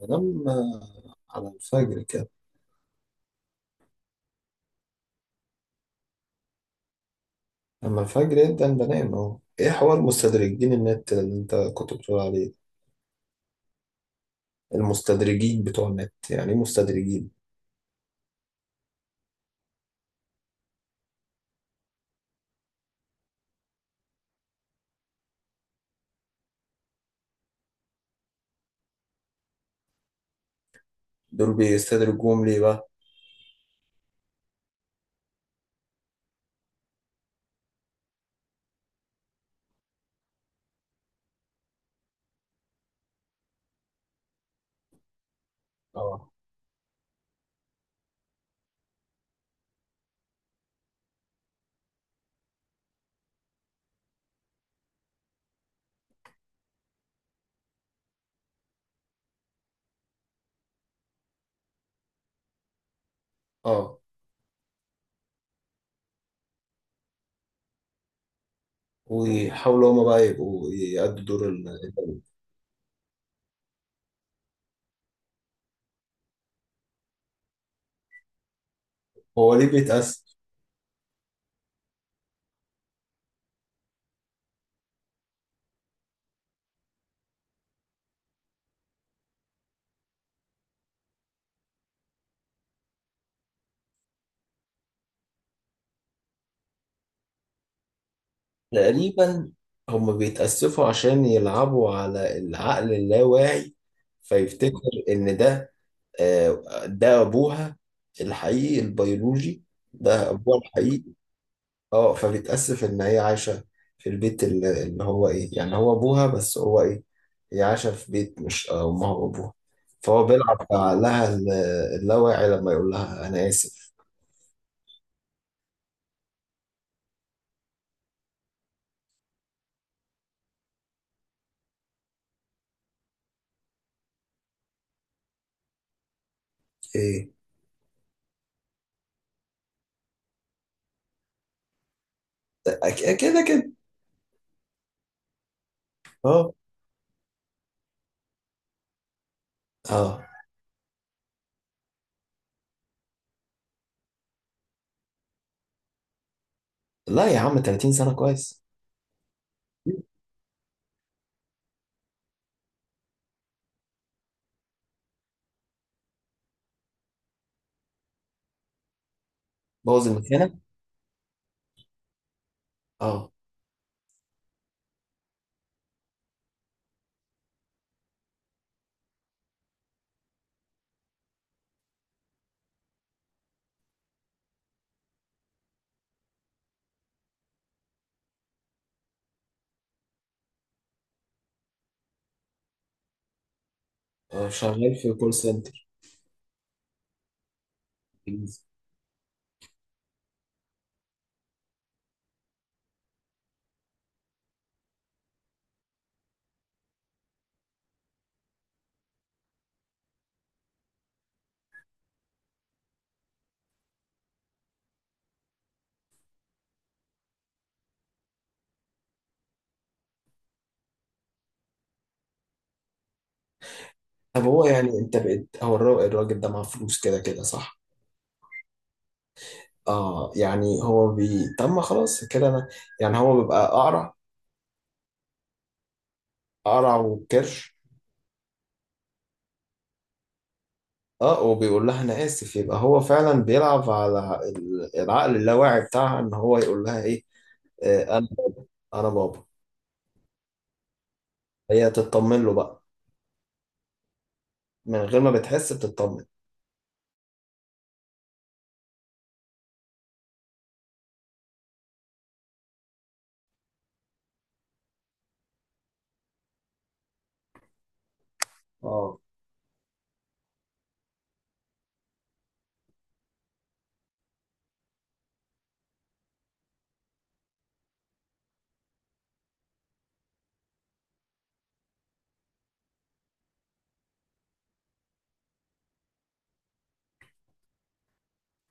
بنام، آه، على الفجر كده. لما الفجر يبدأ بنام اهو. ايه حوار مستدرجين النت اللي انت كنت بتقول عليه؟ المستدرجين بتوع النت، يعني ايه مستدرجين؟ دول بيستدرجوهم ليه بقى؟ اه. اه. ويحاولوا هما بقى يبقوا يأدوا دور ال... هو ليه بيتأسف؟ تقريبا. هما بيتأسفوا عشان يلعبوا على العقل اللاواعي، فيفتكر إن ده أبوها الحقيقي البيولوجي، ده أبوها الحقيقي. اه، فبتأسف ان هي عايشة في البيت اللي هو ايه، يعني هو ابوها بس هو ايه، هي عايشة في بيت مش امها وابوها. فهو بيلعب بعقلها اللاواعي لما يقول لها انا اسف. ايه. كده كده. اه. اه. لا يا عم، 30 سنة كويس. بوظ المكانة. اه. شغال في كول سنتر انجليزي. طب هو يعني انت بقيت، هو الراجل ده معاه فلوس كده كده صح؟ اه. يعني هو طب ما خلاص كده انا، يعني هو بيبقى اقرع، قرع وكرش. اه، وبيقول لها انا اسف، يبقى هو فعلا بيلعب على العقل اللاواعي بتاعها ان هو يقول لها ايه. آه انا انا بابا. هي تطمن له بقى، من غير ما بتحس بتطمن. اه.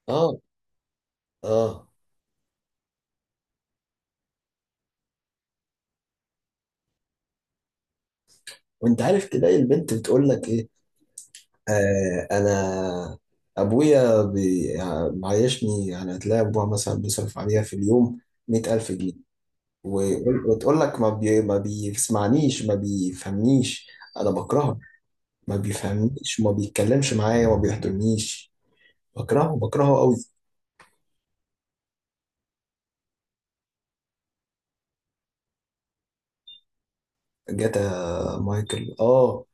اه. اه. وانت عارف تلاقي البنت بتقول لك ايه. انا، ابويا يعني معيشني، يعني هتلاقي ابوها مثلا بيصرف عليها في اليوم 100000 جنيه. وتقول لك، ما بيسمعنيش، ما بيفهمنيش، انا بكرهه. ما بيفهمنيش، وما بيتكلمش معايا، وما بيحضرنيش. بكرهه بكرهه قوي. جاتا. مايكل، اه.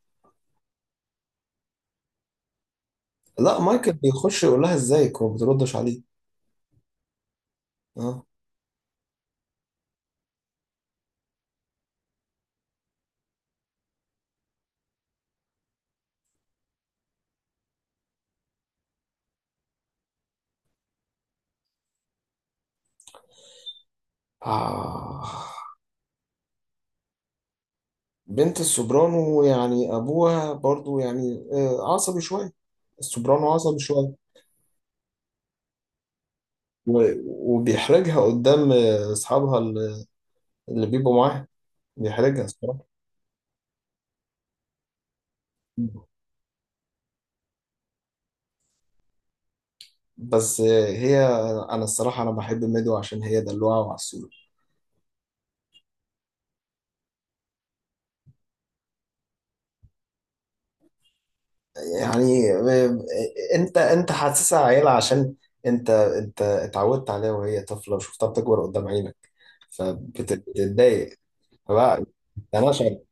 لا، مايكل بيخش يقول لها ازيك وما بتردش عليه. اه. آه. بنت السوبرانو، يعني ابوها برضو يعني عصبي شويه. السوبرانو عصبي شويه. و- وبيحرجها قدام اصحابها اللي بيبقوا معاها، بيحرجها الصراحه. بس هي، انا الصراحه انا بحب ميدو عشان هي دلوعه وعسوله. يعني انت حاسسها عيلة، عشان انت اتعودت عليها وهي طفلة وشفتها بتكبر قدام عينك، فبتتضايق. فبقى انا شغل،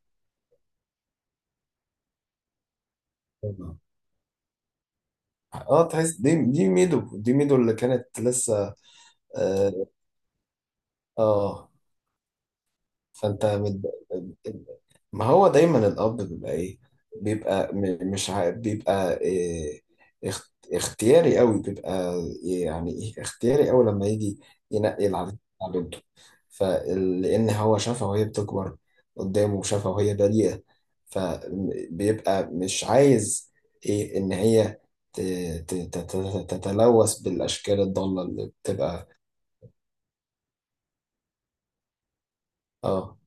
اه تحس، دي ميدو، دي ميدو اللي كانت لسه... اه، آه، فانت بت... ما هو دايما الاب بيبقى ايه؟ بيبقى مش ع... بيبقى إيه، اختياري قوي. بيبقى إيه، يعني ايه اختياري قوي لما يجي ينقي العروسة بتاع بنته. فلان، هو شافها وهي بتكبر قدامه، وشافها وهي بريئة، فبيبقى مش عايز إيه ان هي ت... تتلوث بالاشكال الضالة اللي بتبقى. اه.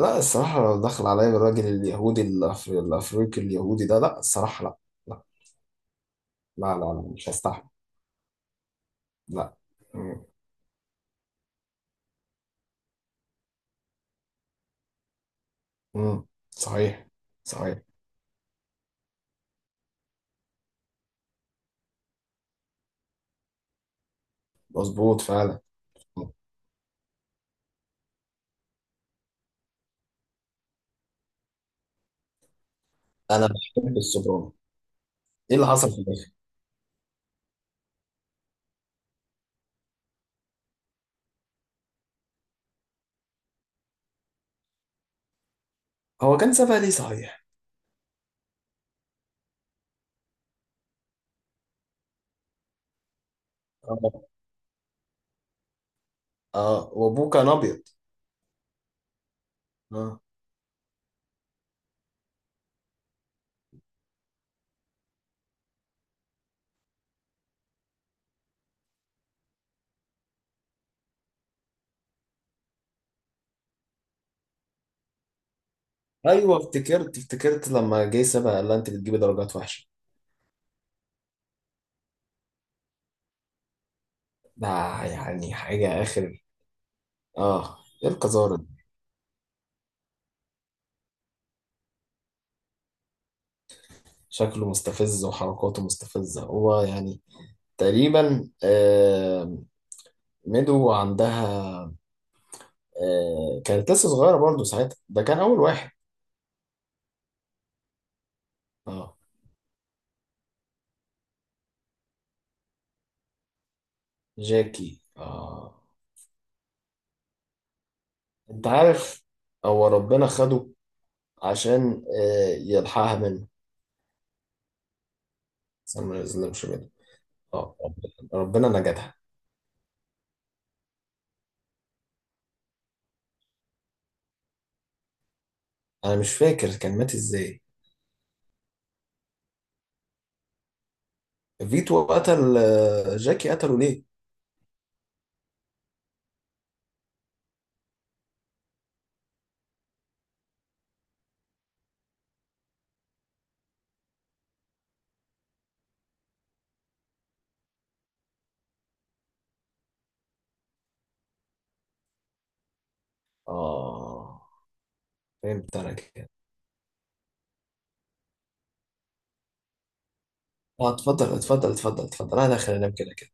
لا الصراحة، لو دخل عليا الراجل اليهودي الأفريقي اليهودي ده، لا الصراحة، لا. لا. لا، لا، لا، مش هستحمل. لا. مم. مم، صحيح. صحيح. مظبوط فعلا. أنا بحب السوبرانو. إيه اللي حصل في الآخر؟ هو كان سابها ليه صحيح؟ آه. آه، وأبوه كان أبيض. آه. أيوه، افتكرت لما جه سابها قال لها أنت بتجيبي درجات وحشة. ده يعني حاجة آخر. آه. إيه القذارة دي؟ شكله مستفز وحركاته مستفزة، هو يعني تقريبا ميدو عندها كانت لسه صغيرة برضو ساعتها، ده كان أول واحد. اه. جاكي، اه. أنت عارف. هو ربنا خده عشان يلحقها منه. بس أنا ما يظلمش ميدو. اه، ربنا ربنا نجدها. أنا مش فاكر كان مات إزاي. فيتو قتل جاكي، قتله ليه؟ اه، فهمت أنا كده. اه، اتفضل اتفضل اتفضل اتفضل، أنا داخل أنام كده كده.